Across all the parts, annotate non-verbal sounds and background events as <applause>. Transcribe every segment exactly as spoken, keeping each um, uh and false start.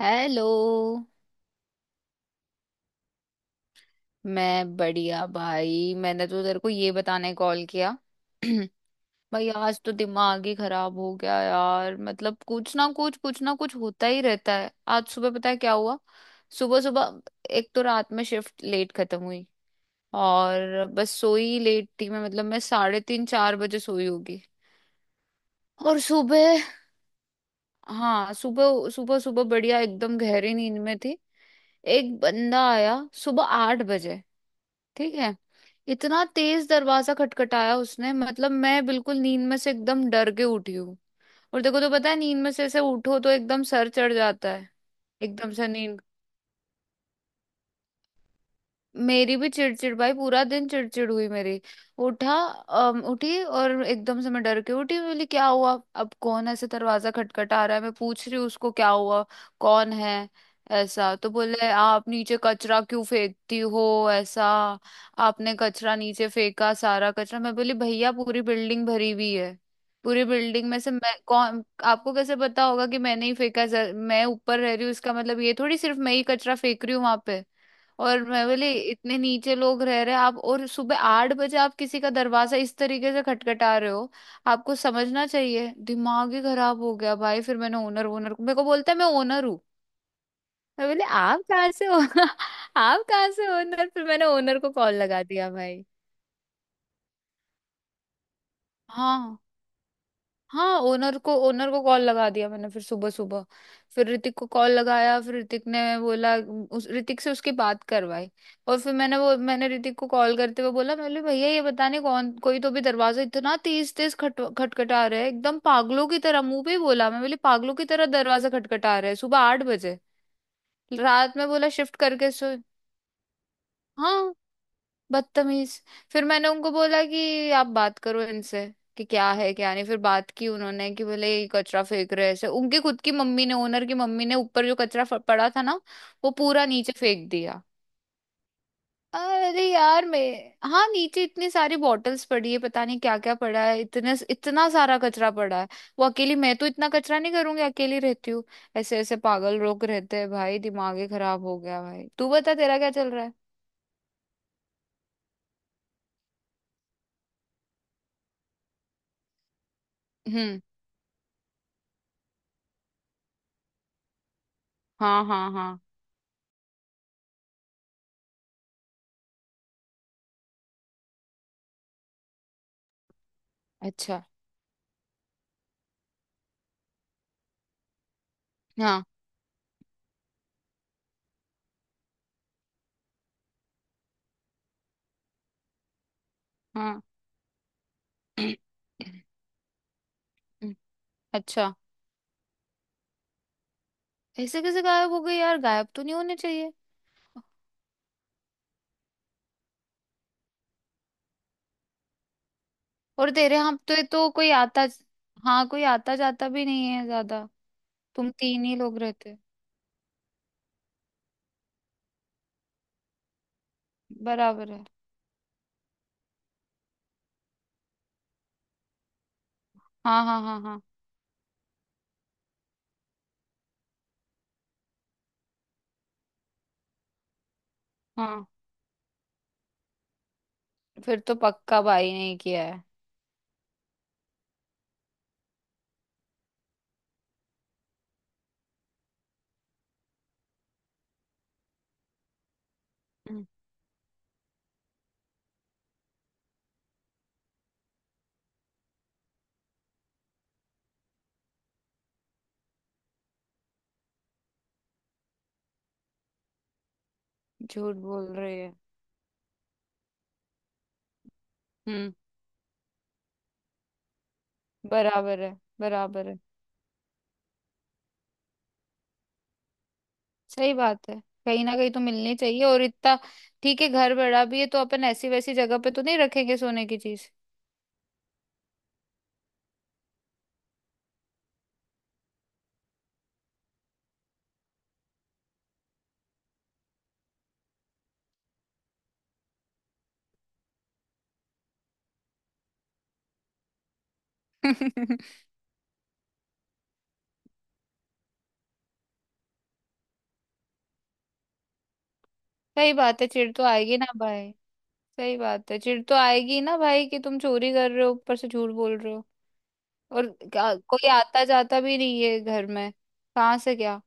Hello. मैं बढ़िया भाई, मैंने तो तेरे को ये बताने कॉल किया। <clears throat> भाई आज तो दिमाग ही खराब हो गया यार, मतलब कुछ ना कुछ कुछ ना कुछ होता ही रहता है। आज सुबह पता है क्या हुआ? सुबह सुबह एक तो रात में शिफ्ट लेट खत्म हुई, और बस सोई लेट थी, मैं मतलब मैं साढ़े तीन चार बजे सोई होगी। और सुबह, हाँ सुबह सुबह सुबह बढ़िया एकदम गहरी नींद में थी। एक बंदा आया सुबह आठ बजे। ठीक है। इतना तेज दरवाजा खटखटाया उसने, मतलब मैं बिल्कुल नींद में से एकदम डर के उठी हूँ। और देखो तो पता है, नींद में से ऐसे उठो तो एकदम सर चढ़ जाता है। एकदम से नींद, मेरी भी चिड़चिड़, भाई पूरा दिन चिड़चिड़ हुई मेरी। उठा अम, उठी और एकदम से मैं डर के उठी, बोली क्या हुआ, अब कौन ऐसे दरवाजा खटखटा रहा है, मैं पूछ रही हूँ उसको क्या हुआ, कौन है? ऐसा तो बोले, आप नीचे कचरा क्यों फेंकती हो, ऐसा आपने कचरा नीचे फेंका, सारा कचरा। मैं बोली भैया पूरी बिल्डिंग भरी हुई है, पूरी बिल्डिंग में से मैं कौन, आपको कैसे पता होगा कि मैंने ही फेंका? जर- मैं ऊपर रह रही हूँ, इसका मतलब ये थोड़ी सिर्फ मैं ही कचरा फेंक रही हूँ वहां पे। और मैं बोली, इतने नीचे लोग रह रहे हैं आप, और सुबह आठ बजे आप किसी का दरवाजा इस तरीके से खटखटा रहे हो, आपको समझना चाहिए। दिमाग ही खराब हो गया भाई। फिर मैंने ओनर ओनर को, मेरे को बोलता है मैं ओनर हूँ। मैं बोली आप कहाँ से हो <laughs> आप कहाँ से ओनर? फिर मैंने ओनर को कॉल लगा दिया भाई। हाँ हाँ, ओनर को ओनर को कॉल लगा दिया मैंने। फिर सुबह सुबह फिर ऋतिक को कॉल लगाया, फिर ऋतिक ने बोला, उस ऋतिक से उसकी बात करवाई। और फिर मैंने वो मैंने ऋतिक को कॉल करते हुए बोला, मैंने बोला भैया ये बता नहीं, कौन कोई तो भी दरवाजा इतना तेज तेज खट खटखटा रहा है, एकदम पागलों की तरह मुंह पे ही बोला, मैं बोली पागलों की तरह दरवाजा खटखटा रहा है सुबह आठ बजे, रात में बोला शिफ्ट करके सो। हाँ। बदतमीज। फिर मैंने उनको बोला कि आप बात करो इनसे कि क्या है क्या नहीं, फिर बात की उन्होंने, कि बोले ये कचरा फेंक रहे हैं ऐसे, उनकी खुद की मम्मी ने, ओनर की मम्मी ने ऊपर जो कचरा फ- पड़ा था ना, वो पूरा नीचे फेंक दिया। अरे यार मैं, हाँ नीचे इतनी सारी बॉटल्स पड़ी है, पता नहीं क्या क्या पड़ा है, इतने इतना सारा कचरा पड़ा है। वो अकेली, मैं तो इतना कचरा नहीं करूंगी, अकेली रहती हूँ। ऐसे ऐसे पागल लोग रहते हैं भाई, दिमाग ही खराब हो गया। भाई तू बता, तेरा क्या चल रहा है? हम्म। हाँ हाँ हाँ। अच्छा। हाँ। <clears throat> अच्छा, ऐसे कैसे गायब हो गई यार, गायब तो नहीं होने चाहिए। और तेरे यहाँ तो, तो कोई आता, हाँ कोई आता जाता भी नहीं है ज्यादा। तुम तीन ही लोग रहते। बराबर है। हाँ हाँ हाँ हाँ। हाँ। फिर तो पक्का भाई ने ही किया है। हम्म, झूठ बोल रही है। हम्म। बराबर है, बराबर है, सही बात है। कहीं ना कहीं तो मिलनी चाहिए, और इतना। ठीक है, घर बड़ा भी है तो अपन ऐसी वैसी जगह पे तो नहीं रखेंगे सोने की चीज। <laughs> सही बात है, चिढ़ तो आएगी ना भाई, सही बात है, चिढ़ तो आएगी ना भाई, कि तुम चोरी कर रहे हो ऊपर से झूठ बोल रहे हो। और क्या- कोई आता जाता भी नहीं है घर में, कहाँ से क्या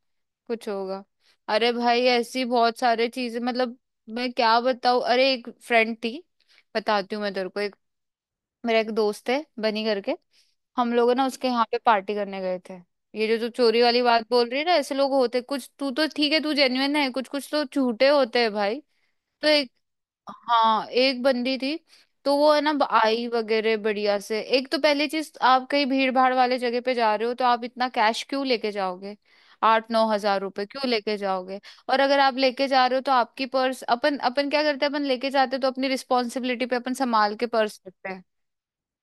कुछ होगा। अरे भाई ऐसी बहुत सारे चीजें, मतलब मैं क्या बताऊँ, अरे एक फ्रेंड थी। बताती हूँ मैं तेरे को, एक मेरा एक दोस्त है बनी करके। हम लोग ना उसके यहाँ पे पार्टी करने गए थे। ये जो तू चोरी वाली बात बोल रही है ना, ऐसे लोग होते कुछ, तू तो ठीक है, तू जेन्युइन है, कुछ कुछ तो झूठे होते हैं भाई। तो हाँ एक बंदी थी, तो वो है ना ब- आई वगैरह बढ़िया से। एक तो पहली चीज, आप कहीं भीड़ भाड़ वाले जगह पे जा रहे हो तो आप इतना कैश क्यों लेके जाओगे? आठ नौ हजार रुपए क्यों लेके जाओगे? और अगर आप लेके जा रहे हो तो आपकी पर्स, अपन अपन क्या करते हैं, अपन लेके जाते हैं तो अपनी रिस्पॉन्सिबिलिटी पे अपन संभाल के पर्स रखते हैं।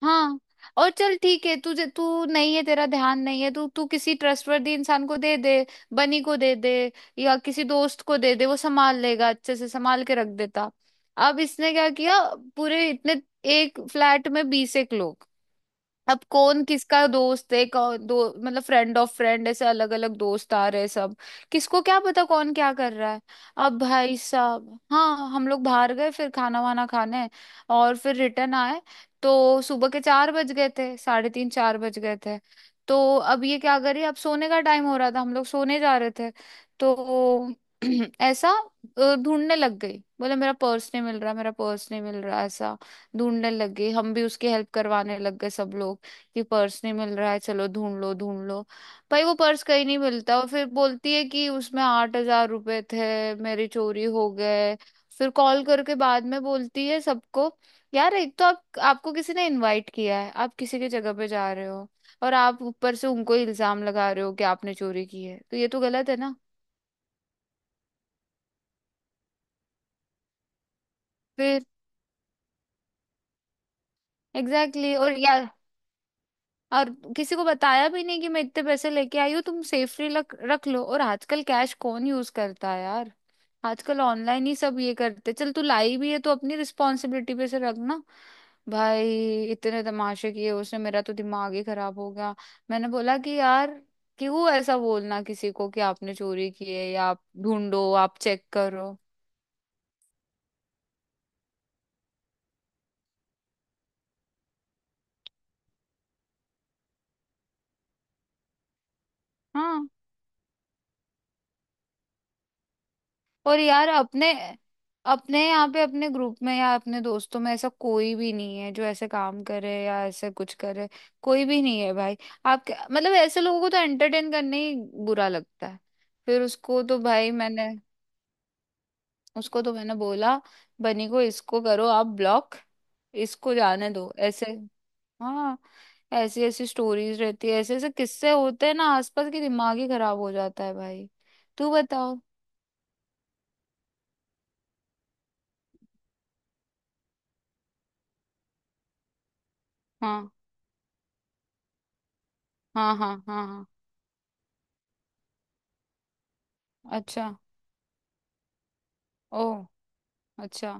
हाँ। और चल ठीक है, तुझे तू नहीं है, तेरा ध्यान नहीं है, तू तू किसी ट्रस्टवर्दी इंसान को दे दे, बनी को दे दे, या किसी दोस्त को दे दे, वो संभाल लेगा, अच्छे से संभाल के रख देता। अब इसने क्या किया, पूरे इतने, एक फ्लैट में बीस एक लोग, अब कौन किसका दोस्त है, कौन दो, मतलब फ्रेंड ऑफ फ्रेंड ऐसे अलग अलग दोस्त आ रहे हैं सब, किसको क्या पता कौन क्या कर रहा है। अब भाई साहब हाँ, हम लोग बाहर गए फिर खाना वाना खाने, और फिर रिटर्न आए, तो सुबह के चार बज गए थे, साढ़े तीन चार बज गए थे। तो अब ये क्या करिए, अब सोने का टाइम हो रहा था, हम लोग सोने जा रहे थे, तो <clears throat> ऐसा अ, ढूंढने लग गई, बोले मेरा पर्स नहीं मिल रहा, मेरा पर्स नहीं मिल रहा, ऐसा ढूंढने लग गई। हम भी उसकी हेल्प करवाने लग गए सब लोग, कि पर्स नहीं मिल रहा है, चलो ढूंढ लो ढूंढ लो। भाई वो पर्स कहीं नहीं मिलता, और फिर बोलती है कि उसमें आठ हजार रुपए थे, मेरी चोरी हो गए। फिर कॉल करके बाद में बोलती है सबको, यार एक तो आप आपको किसी ने इनवाइट किया है, आप किसी की जगह पे जा रहे हो, और आप ऊपर से उनको इल्जाम लगा रहे हो कि आपने चोरी की है, तो ये तो गलत है ना। फिर एग्जैक्टली exactly, और यार, और किसी को बताया भी नहीं कि मैं इतने पैसे लेके आई हूँ, तुम सेफली रख रख लो। और आजकल कैश कौन यूज करता है यार, आजकल ऑनलाइन ही सब ये करते। चल तू लाई भी है तो अपनी रिस्पॉन्सिबिलिटी पे से रखना। भाई इतने तमाशे किए उसने, मेरा तो दिमाग ही खराब हो गया। मैंने बोला कि यार क्यों ऐसा बोलना किसी को कि आपने चोरी की है, या आप ढूंढो, आप चेक करो। हाँ। और यार अपने अपने यहाँ पे, अपने ग्रुप में या अपने दोस्तों में ऐसा कोई भी नहीं है जो ऐसे काम करे या ऐसे कुछ करे, कोई भी नहीं है भाई। आप क्या- मतलब ऐसे लोगों को तो एंटरटेन करने ही बुरा लगता है। फिर उसको तो भाई मैंने, उसको तो मैंने बोला बनी को, इसको करो आप ब्लॉक, इसको जाने दो ऐसे। हाँ। ऐसी ऐसी स्टोरीज रहती है, ऐसे ऐसे किस्से होते हैं ना आसपास की, दिमाग ही खराब हो जाता है भाई। तू बताओ। हाँ हाँ हाँ हाँ। हाँ। अच्छा। ओह। अच्छा।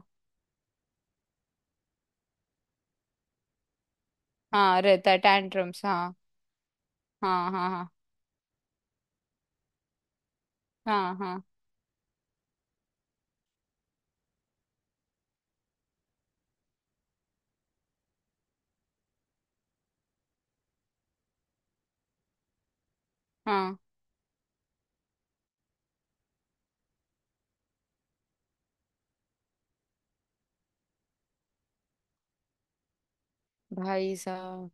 हाँ रहता है टैंट्रम्स, हाँ हाँ हाँ। हाँ हाँ हाँ हाँ। भाई साहब,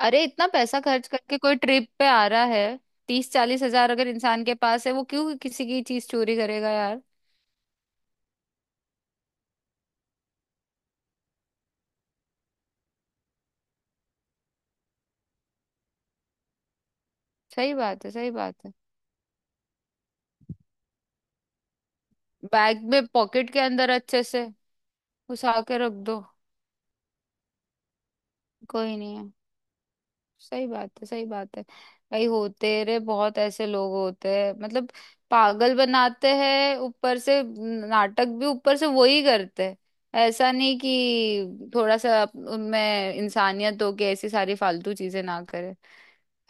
अरे इतना पैसा खर्च करके कोई ट्रिप पे आ रहा है, तीस चालीस हजार अगर इंसान के पास है, वो क्यों किसी की चीज चोरी करेगा यार। सही बात है, सही बात है। बैग में पॉकेट के अंदर अच्छे से घुसा के रख दो, कोई नहीं। सही बात है, सही बात है। भाई होते रे, बहुत ऐसे लोग होते हैं मतलब, पागल बनाते हैं ऊपर से, नाटक भी ऊपर से वही करते हैं। ऐसा नहीं कि थोड़ा सा अप- उनमें इंसानियत हो कि ऐसी सारी फालतू चीजें ना करे।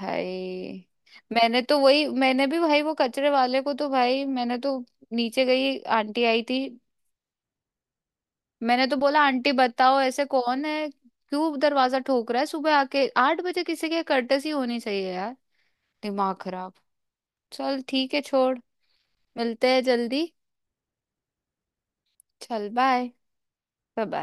भाई मैंने तो वही, मैंने भी भाई वो कचरे वाले को तो भाई मैंने तो, नीचे गई, आंटी आई थी, मैंने तो बोला आंटी बताओ ऐसे कौन है, क्यों दरवाजा ठोक रहा है सुबह आके आठ बजे, किसी के कर्टसी होनी चाहिए, दिमाग खराब। चल ठीक है छोड़, मिलते हैं जल्दी। चल बाय बाय।